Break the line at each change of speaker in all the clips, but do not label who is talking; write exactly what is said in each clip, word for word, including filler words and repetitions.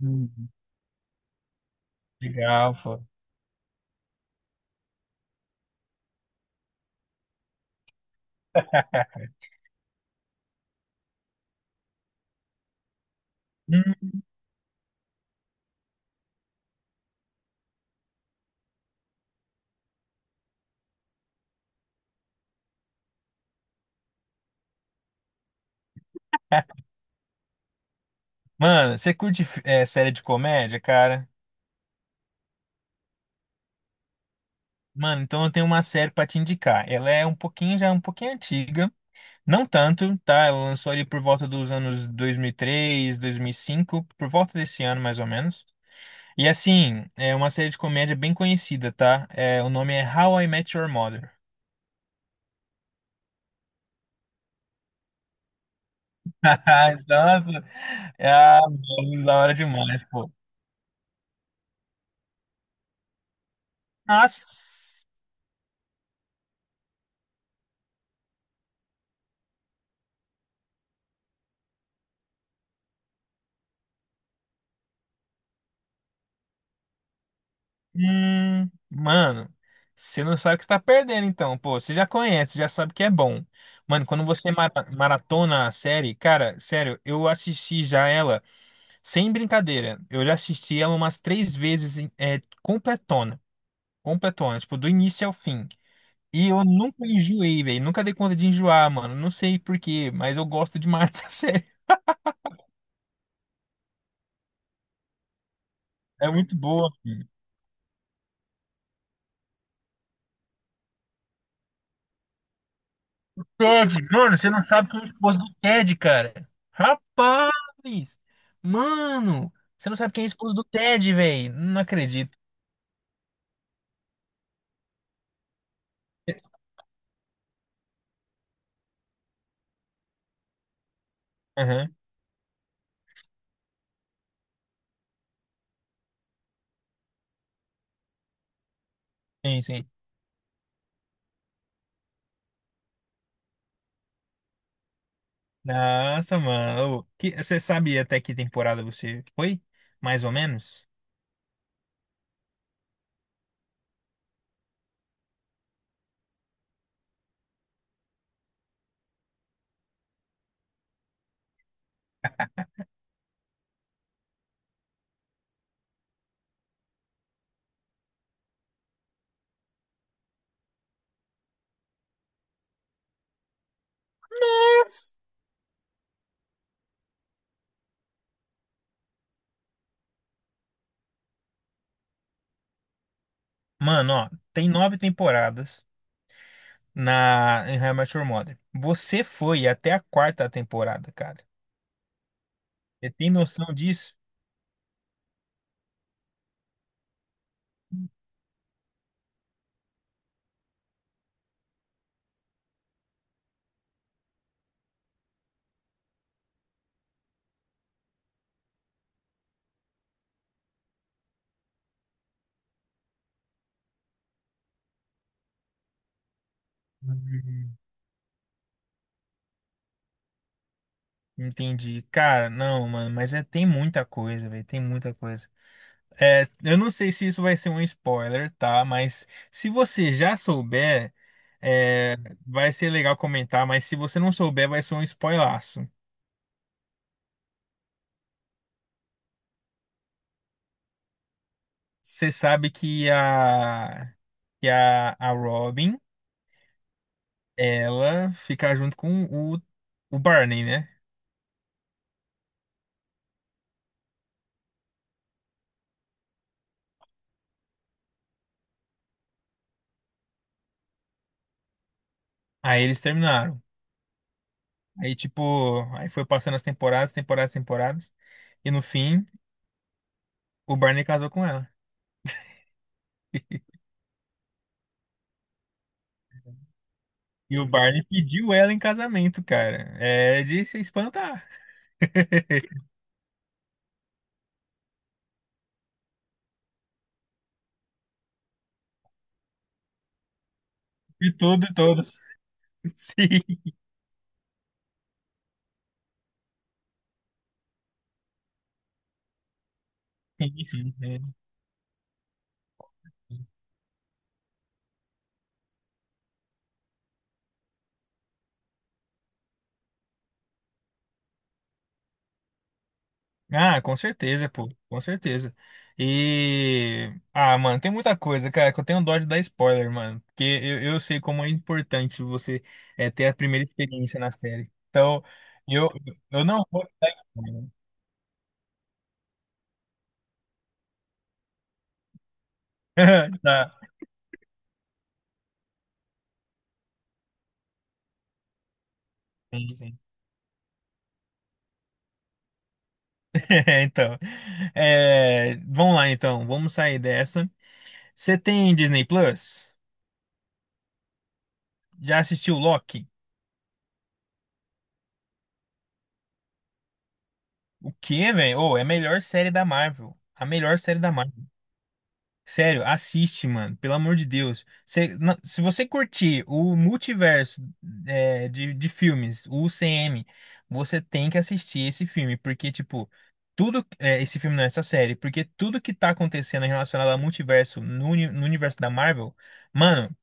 Hum. Legal, pô. Hum. Mano, você curte é, série de comédia, cara? Mano, então eu tenho uma série pra te indicar. Ela é um pouquinho, já é um pouquinho antiga. Não tanto, tá? Ela lançou ali por volta dos anos dois dois mil mil e três, dois mil e cinco, por volta desse ano mais ou menos. E assim, é uma série de comédia bem conhecida, tá? É, o nome é How I Met Your Mother. Nossa, é, ah, mano, da hora demais, pô. Nossa. Hum, mano, você não sabe o que está perdendo, então. Pô, você já conhece, já sabe que é bom. Mano, quando você mara- maratona a série, cara, sério, eu assisti já ela sem brincadeira. Eu já assisti ela umas três vezes, em- é, completona. Completona, tipo, do início ao fim. E eu nunca enjoei, velho. Nunca dei conta de enjoar, mano. Não sei por quê, mas eu gosto demais dessa série. É muito boa. Ted, mano, você não sabe quem é o esposo do Ted, cara. Rapaz! Mano, você não sabe quem é o esposo do Ted, velho. Não acredito. Aham, sim, sim. Nossa, mano. Ô, que- Você sabe até que temporada você foi? Mais ou menos? Nossa! Mano, ó, tem nove temporadas na em How I Met Your Mother. Você foi até a quarta temporada, cara. Você tem noção disso? Entendi. Cara, não, mano, mas é, tem muita coisa, velho, tem muita coisa. É, eu não sei se isso vai ser um spoiler, tá? Mas se você já souber, é, vai ser legal comentar, mas se você não souber, vai ser um spoilaço. Você sabe que a, que a, a Robin, ela fica junto com o, o Barney, né? Aí eles terminaram. Aí, tipo, aí foi passando as temporadas, temporadas, temporadas, e no fim, o Barney casou com ela. E o Barney pediu ela em casamento, cara. É de se espantar. De tudo e todos. Sim. Enfim, é. Ah, com certeza, pô. Com certeza. E. Ah, mano, tem muita coisa, cara, que eu tenho dó de dar spoiler, mano. Porque eu, eu sei como é importante você é, ter a primeira experiência na série. Então, eu, eu não vou te dar spoiler. Tá. Sim, sim. Então, é, vamos lá então, vamos sair dessa. Você tem Disney Plus? Já assistiu Loki? O quê, velho? Ô, é a melhor série da Marvel. A melhor série da Marvel. Sério, assiste, mano. Pelo amor de Deus. Cê- na- se você curtir o multiverso é, de, de filmes, o U C M, você tem que assistir esse filme. Porque, tipo, tudo. É, esse filme não é essa série. Porque tudo que tá acontecendo relacionado ao multiverso no, uni- no universo da Marvel, mano.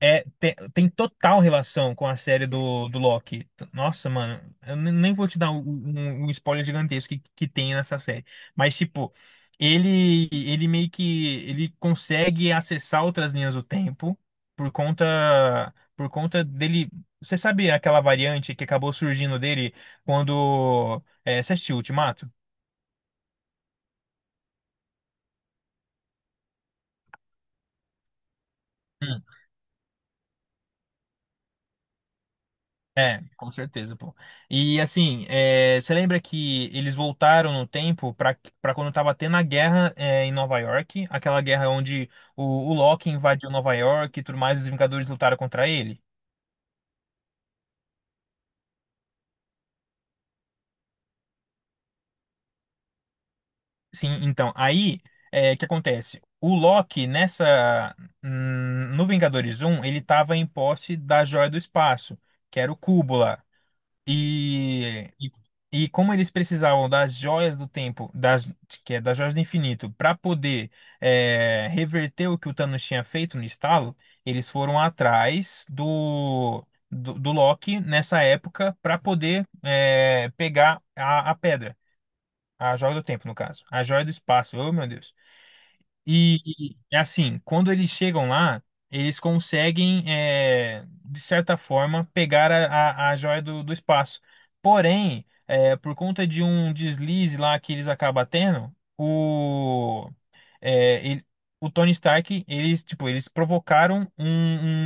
É, tem, tem total relação com a série do, do Loki. Nossa, mano, eu ne- nem vou te dar um, um- um spoiler gigantesco que, que tem nessa série. Mas, tipo, ele, ele meio que ele consegue acessar outras linhas do tempo por conta, por conta dele. Você sabe aquela variante que acabou surgindo dele quando. É, você assistiu Ultimato? É, com certeza, pô. E assim, é, você lembra que eles voltaram no tempo pra para quando tava tendo a guerra é, em Nova York, aquela guerra onde o, o Loki invadiu Nova York e tudo mais, os Vingadores lutaram contra ele? Sim, então, aí é, o que acontece? O Loki nessa hum, no Vingadores um ele tava em posse da Joia do Espaço, que era o cubo lá. E, e, e como eles precisavam das joias do tempo, das, que é das joias do infinito, para poder é, reverter o que o Thanos tinha feito no estalo, eles foram atrás do, do, do Loki nessa época para poder é, pegar a, a pedra, a joia do tempo, no caso, a joia do espaço. Oh, meu Deus. E e é assim, quando eles chegam lá, eles conseguem, é, de certa forma, pegar a, a, a joia do, do espaço. Porém, é, por conta de um deslize lá que eles acabam tendo, é, ele- o Tony Stark, eles, tipo, eles provocaram um,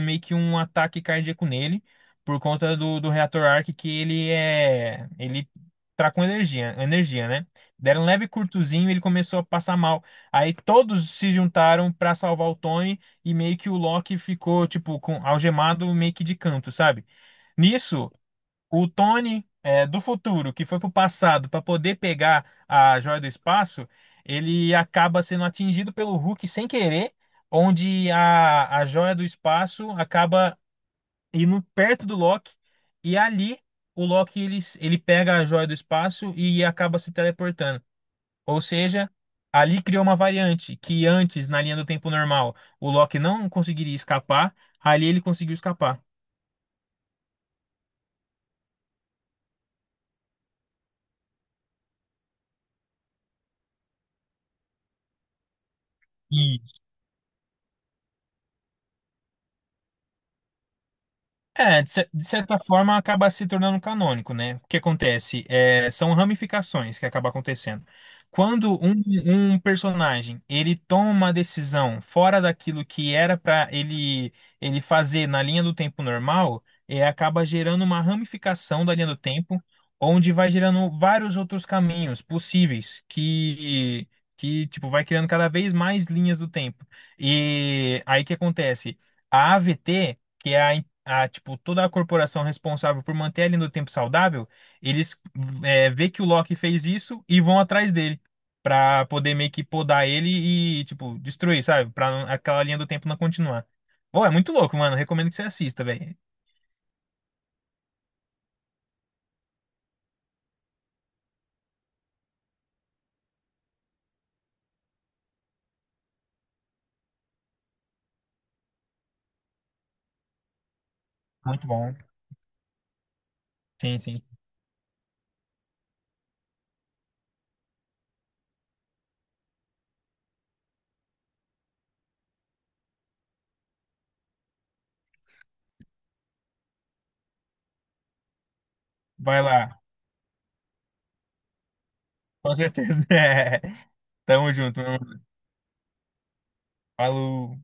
um- meio que um ataque cardíaco nele por conta do, do reator Arc que ele é, ele tá com energia, energia, né? Deram um leve curtozinho, e ele começou a passar mal. Aí todos se juntaram pra salvar o Tony e meio que o Loki ficou tipo com algemado meio que de canto, sabe? Nisso o Tony é, do futuro, que foi pro passado para poder pegar a joia do espaço, ele acaba sendo atingido pelo Hulk sem querer, onde a, a joia do espaço acaba indo perto do Loki, e ali o Loki ele, ele pega a joia do espaço e acaba se teleportando. Ou seja, ali criou uma variante que antes, na linha do tempo normal, o Loki não conseguiria escapar, ali ele conseguiu escapar. É, de cer- de certa forma acaba se tornando canônico, né? O que acontece? É, são ramificações que acabam acontecendo. Quando um, um personagem ele toma uma decisão fora daquilo que era para ele ele fazer na linha do tempo normal, é, acaba gerando uma ramificação da linha do tempo, onde vai gerando vários outros caminhos possíveis que que tipo vai criando cada vez mais linhas do tempo. E aí o que acontece? A AVT que é a a, tipo, toda a corporação responsável por manter ele no tempo saudável, eles é, vê que o Loki fez isso e vão atrás dele pra poder meio que podar ele e, tipo, destruir, sabe? Pra não- aquela linha do tempo não continuar. Pô, é muito louco, mano. Recomendo que você assista, velho. Muito bom. Sim, sim. Vai lá, com certeza. É. Tamo junto, meu irmão. Falou.